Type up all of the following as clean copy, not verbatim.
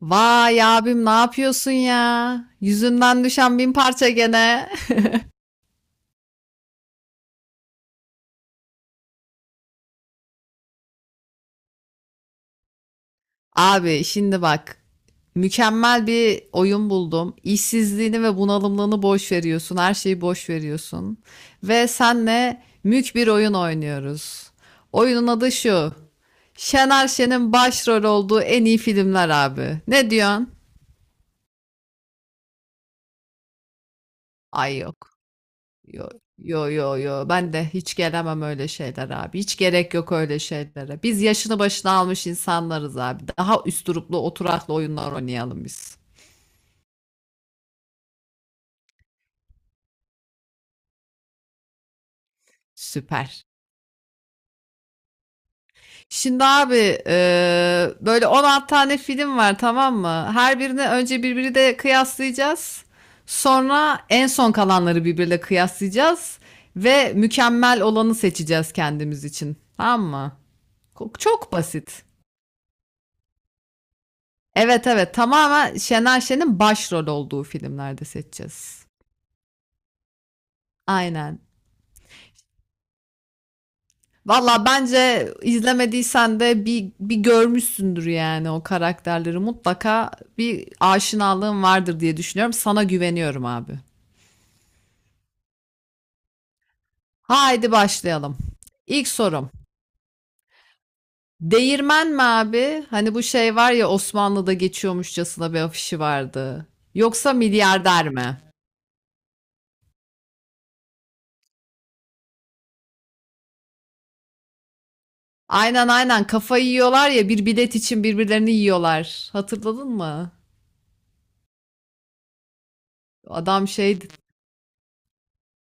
Vay abim ne yapıyorsun ya? Yüzünden düşen bin parça gene. Abi şimdi bak. Mükemmel bir oyun buldum. İşsizliğini ve bunalımlığını boş veriyorsun. Her şeyi boş veriyorsun. Ve senle mük bir oyun oynuyoruz. Oyunun adı şu. Şener Şen'in başrol olduğu en iyi filmler abi. Ne diyorsun? Ay yok. Yo yo, ben de hiç gelemem öyle şeyler abi. Hiç gerek yok öyle şeylere. Biz yaşını başına almış insanlarız abi. Daha üsturuplu oturaklı oyunlar oynayalım biz. Süper. Şimdi abi böyle 16 tane film var, tamam mı? Her birini önce birbiri de kıyaslayacağız. Sonra en son kalanları birbiriyle kıyaslayacağız ve mükemmel olanı seçeceğiz kendimiz için. Tamam mı? Çok basit. Evet, evet. Tamamen Şener Şen'in başrol olduğu filmlerde seçeceğiz. Aynen. Valla bence izlemediysen de bir görmüşsündür yani o karakterleri. Mutlaka bir aşinalığın vardır diye düşünüyorum. Sana güveniyorum abi. Haydi başlayalım. İlk sorum. Değirmen mi abi? Hani bu şey var ya, Osmanlı'da geçiyormuşçasına bir afişi vardı. Yoksa milyarder mi? Aynen aynen, kafayı yiyorlar ya, bir bilet için birbirlerini yiyorlar. Hatırladın mı? Adam şey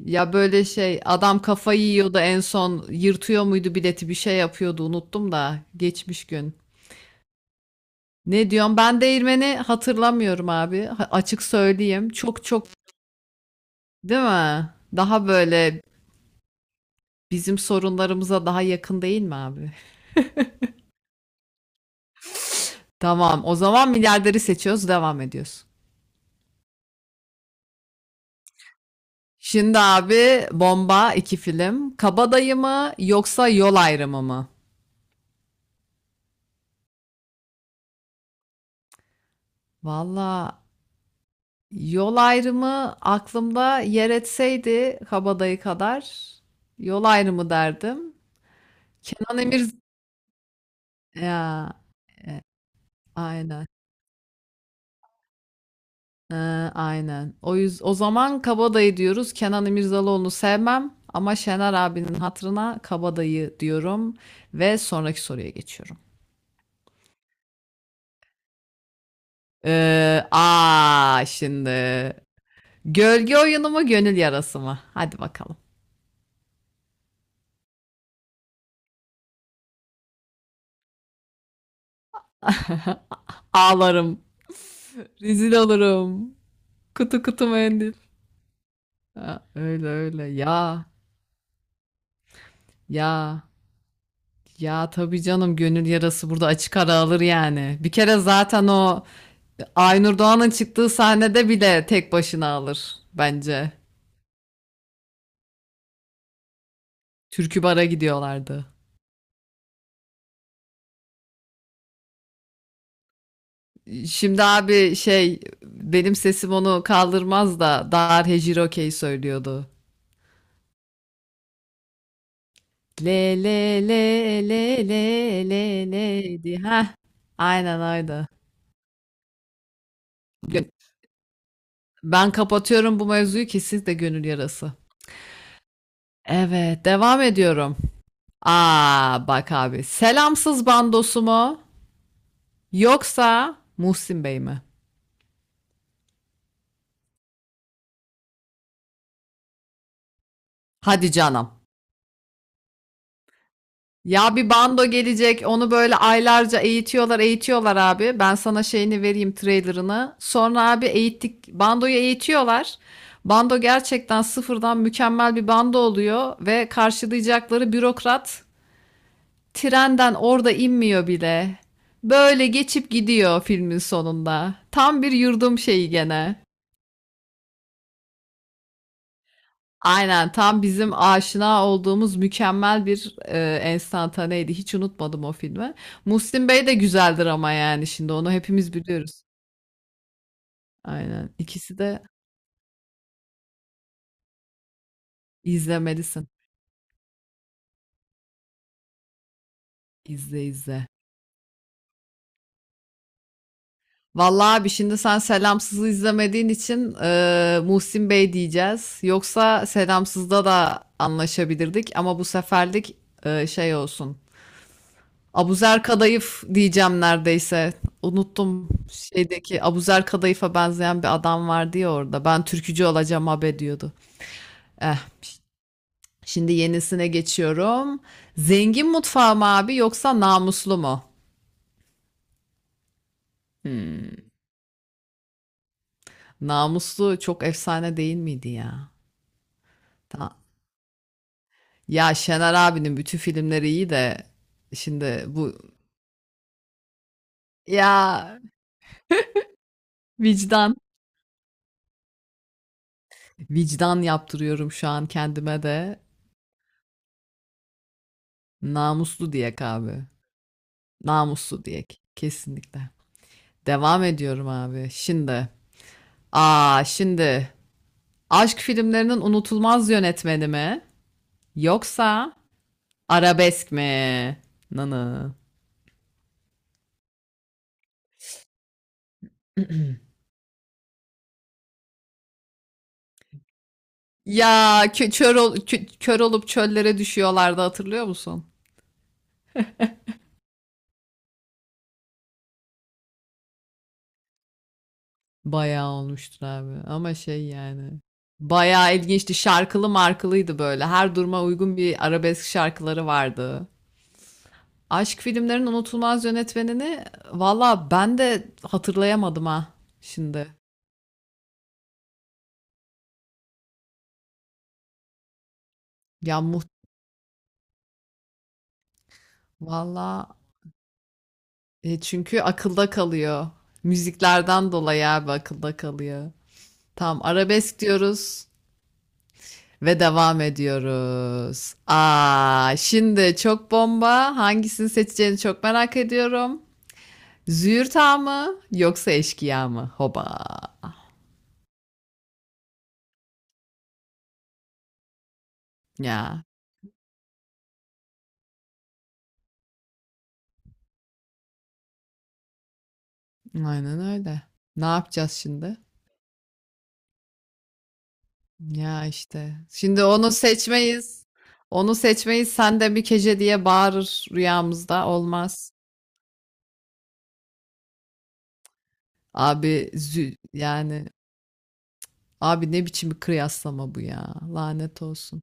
ya, böyle şey, adam kafayı yiyordu, en son yırtıyor muydu bileti, bir şey yapıyordu, unuttum da geçmiş gün. Ne diyorum ben, değirmeni hatırlamıyorum abi. Açık söyleyeyim, çok çok değil mi? Daha böyle bizim sorunlarımıza daha yakın değil mi abi? Tamam, o zaman milyarderi seçiyoruz, devam ediyoruz. Şimdi abi, bomba iki film, Kabadayı mı yoksa Yol Ayrımı mı? Valla Yol Ayrımı aklımda yer etseydi Kabadayı kadar, Yol Ayrımı derdim. Kenan Emir ya, e, aynen. E, aynen. O yüz o zaman Kabadayı diyoruz. Kenan İmirzalıoğlu'nu sevmem ama Şener abinin hatırına Kabadayı diyorum ve sonraki soruya geçiyorum. Aa şimdi, gölge oyunu mu, gönül yarası mı? Hadi bakalım. Ağlarım. Rezil olurum. Kutu kutu mendil. Ha, öyle öyle. Ya ya, tabii canım, gönül yarası burada açık ara alır yani. Bir kere zaten o Aynur Doğan'ın çıktığı sahnede bile tek başına alır bence. Türkü bara gidiyorlardı. Şimdi abi şey, benim sesim onu kaldırmaz da, Dar Hejiroke'yi söylüyordu. Le le le le le le. Heh, aynen aynen. Ben kapatıyorum bu mevzuyu ki siz de gönül yarası. Evet, devam ediyorum. Aa, bak abi. Selamsız bandosu mu? Yoksa Muhsin Bey mi? Hadi canım. Ya bir bando gelecek, onu böyle aylarca eğitiyorlar, eğitiyorlar abi. Ben sana şeyini vereyim, trailerını. Sonra abi, eğittik, bandoyu eğitiyorlar. Bando gerçekten sıfırdan mükemmel bir bando oluyor ve karşılayacakları bürokrat trenden orada inmiyor bile. Böyle geçip gidiyor filmin sonunda. Tam bir yurdum şeyi gene. Aynen, tam bizim aşina olduğumuz mükemmel bir enstantaneydi. Hiç unutmadım o filmi. Muslim Bey de güzeldir ama yani şimdi onu hepimiz biliyoruz. Aynen. İkisi de izlemelisin. İzle izle. Vallahi abi, şimdi sen Selamsız'ı izlemediğin için Muhsin Bey diyeceğiz. Yoksa Selamsız'da da anlaşabilirdik ama bu seferlik şey olsun. Abuzer Kadayıf diyeceğim neredeyse. Unuttum, şeydeki Abuzer Kadayıf'a benzeyen bir adam vardı ya orada. Ben türkücü olacağım abi diyordu. Eh, şimdi yenisine geçiyorum. Zengin mutfağı mı abi, yoksa namuslu mu? Hmm. Namuslu çok efsane değil miydi ya? Tamam. Ya Şener abinin bütün filmleri iyi de şimdi bu ya, vicdan vicdan yaptırıyorum şu an kendime de. Namuslu diyek abi. Namuslu diyek kesinlikle. Devam ediyorum abi. Şimdi, aşk filmlerinin unutulmaz yönetmeni mi yoksa arabesk mi? Nanı. Ya kör olup çöllere düşüyorlardı, hatırlıyor musun? Bayağı olmuştur abi. Ama şey yani. Bayağı ilginçti. Şarkılı markılıydı böyle. Her duruma uygun bir arabesk şarkıları vardı. Aşk filmlerinin unutulmaz yönetmenini valla ben de hatırlayamadım ha şimdi. Ya muht, valla çünkü akılda kalıyor. Müziklerden dolayı abi akılda kalıyor. Tamam, arabesk diyoruz ve devam ediyoruz. Aa, şimdi çok bomba. Hangisini seçeceğini çok merak ediyorum. Züğürt'a mı yoksa eşkıya mı? Hoba. Ya aynen öyle. Ne yapacağız şimdi? Ya işte. Şimdi onu seçmeyiz. Onu seçmeyiz. Sen de bir kece diye bağırır rüyamızda. Olmaz. Abi zü yani, abi ne biçim bir kıyaslama bu ya. Lanet olsun.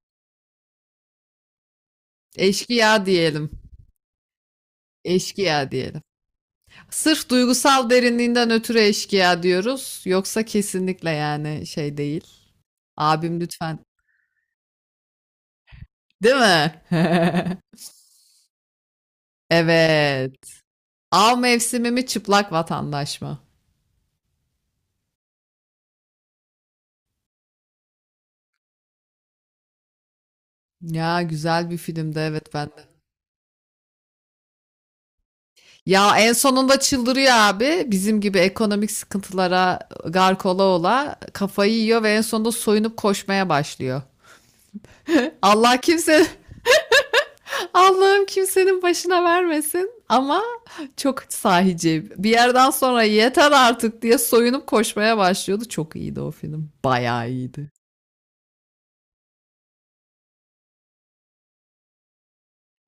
Eşkıya diyelim. Eşkıya diyelim. Sırf duygusal derinliğinden ötürü eşkıya diyoruz. Yoksa kesinlikle yani şey değil. Abim lütfen, değil mi? Evet. Av mevsimi mi, çıplak vatandaş mı? Ya güzel bir filmdi evet ben de. Ya en sonunda çıldırıyor abi. Bizim gibi ekonomik sıkıntılara gark ola ola kafayı yiyor ve en sonunda soyunup koşmaya başlıyor. Allah kimse. Allah'ım kimsenin başına vermesin ama çok sahici. Bir yerden sonra yeter artık diye soyunup koşmaya başlıyordu. Çok iyiydi o film. Bayağı iyiydi.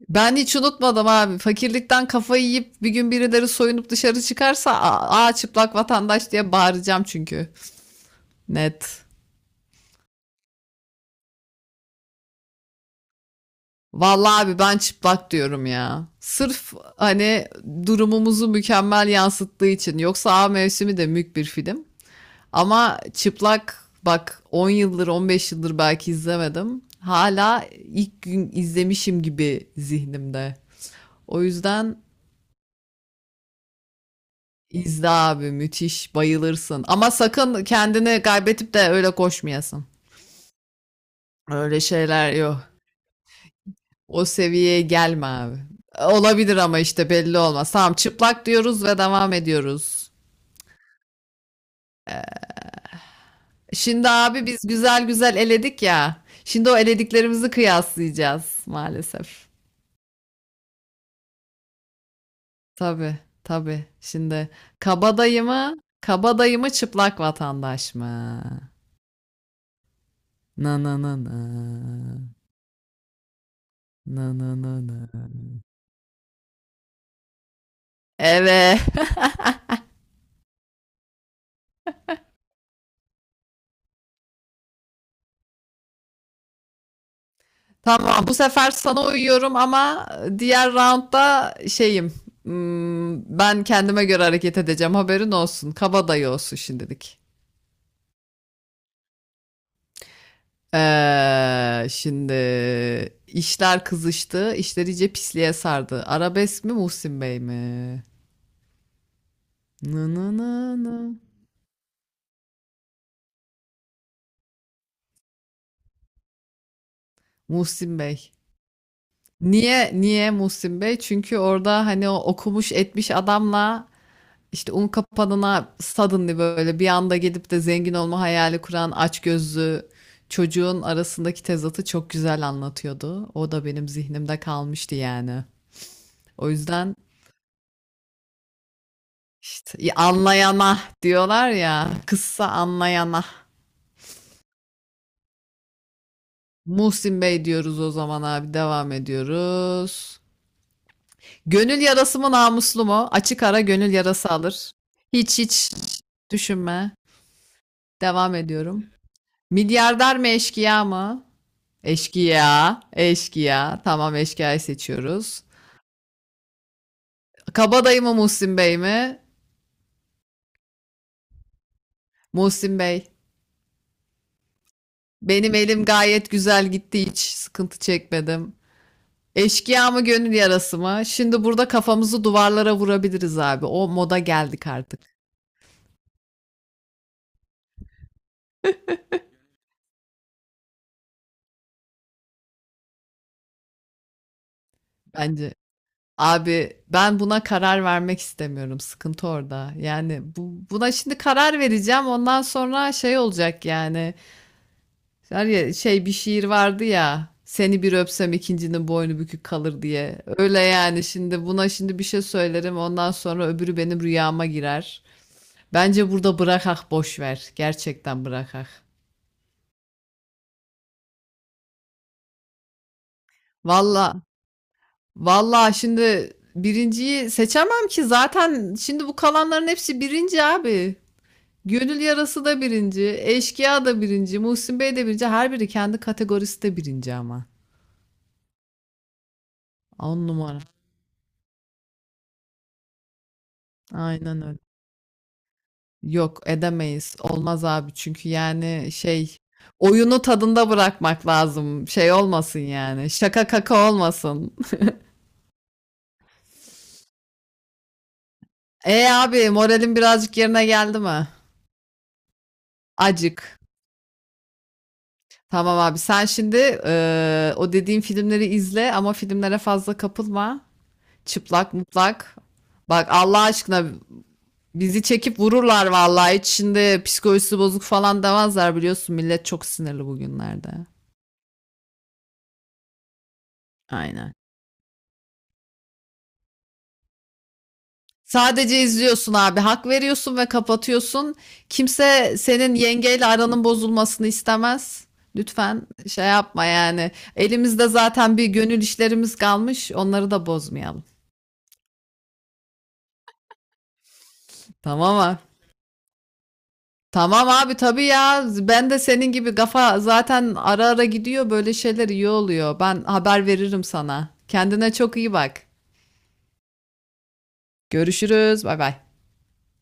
Ben hiç unutmadım abi. Fakirlikten kafayı yiyip bir gün birileri soyunup dışarı çıkarsa, aa çıplak vatandaş diye bağıracağım çünkü. Net. Vallahi abi ben çıplak diyorum ya. Sırf hani durumumuzu mükemmel yansıttığı için. Yoksa A Mevsimi de mük bir film. Ama çıplak, bak, 10 yıldır 15 yıldır belki izlemedim. Hala ilk gün izlemişim gibi zihnimde. O yüzden İzle abi, müthiş bayılırsın. Ama sakın kendini kaybetip de öyle koşmayasın. Öyle şeyler yok. O seviyeye gelme abi. Olabilir ama işte belli olmaz. Tamam, çıplak diyoruz ve devam ediyoruz. Şimdi abi biz güzel güzel eledik ya. Şimdi o elediklerimizi kıyaslayacağız maalesef. Tabii tabii. Şimdi kabadayı mı? Kabadayı mı çıplak vatandaş mı? Na na na na. Na na na na. Evet. Tamam, bu sefer sana uyuyorum ama diğer roundda şeyim. Hmm, ben kendime göre hareket edeceğim. Haberin olsun. Kabadayı olsun şimdilik. Şimdi işler kızıştı. İşler iyice pisliğe sardı. Arabesk mi Muhsin Bey mi? Nı nı nı nı. Muhsin Bey. Niye Muhsin Bey? Çünkü orada hani o okumuş etmiş adamla İşte un kapanına suddenly böyle bir anda gidip de zengin olma hayali kuran açgözlü çocuğun arasındaki tezatı çok güzel anlatıyordu. O da benim zihnimde kalmıştı yani. O yüzden işte, "Ya anlayana diyorlar ya, kıssa anlayana." Muhsin Bey diyoruz o zaman abi, devam ediyoruz. Gönül yarası mı namuslu mu? Açık ara gönül yarası alır. Hiç düşünme. Devam ediyorum. Milyarder mi eşkıya mı? Eşkıya, eşkıya. Tamam, eşkıyayı seçiyoruz. Kabadayı mı Muhsin Bey mi? Muhsin Bey. Benim elim gayet güzel gitti, hiç sıkıntı çekmedim. Eşkıya mı gönül yarası mı? Şimdi burada kafamızı duvarlara vurabiliriz abi. O moda geldik artık bence. Abi ben buna karar vermek istemiyorum. Sıkıntı orada. Yani buna şimdi karar vereceğim. Ondan sonra şey olacak yani. Var ya şey, bir şiir vardı ya. Seni bir öpsem ikincinin boynu bükük kalır diye. Öyle yani, şimdi buna şimdi bir şey söylerim, ondan sonra öbürü benim rüyama girer. Bence burada bırakak, boş ver. Gerçekten bırakak. Valla valla, şimdi birinciyi seçemem ki zaten şimdi bu kalanların hepsi birinci abi. Gönül yarası da birinci, eşkıya da birinci, Muhsin Bey de birinci. Her biri kendi kategorisi de birinci ama. On numara. Aynen öyle. Yok edemeyiz. Olmaz abi çünkü yani şey, oyunu tadında bırakmak lazım. Şey olmasın yani. Şaka kaka olmasın. E abi, moralin birazcık yerine geldi mi? Acık. Tamam abi, sen şimdi o dediğim filmleri izle ama filmlere fazla kapılma. Çıplak mutlak. Bak Allah aşkına bizi çekip vururlar vallahi. Hiç şimdi psikolojisi bozuk falan demezler, biliyorsun. Millet çok sinirli bugünlerde. Aynen. Sadece izliyorsun abi. Hak veriyorsun ve kapatıyorsun. Kimse senin yengeyle aranın bozulmasını istemez. Lütfen şey yapma yani. Elimizde zaten bir gönül işlerimiz kalmış. Onları da bozmayalım. Tamam mı? Tamam abi, tabii ya. Ben de senin gibi kafa zaten ara ara gidiyor. Böyle şeyler iyi oluyor. Ben haber veririm sana. Kendine çok iyi bak. Görüşürüz. Bay bay.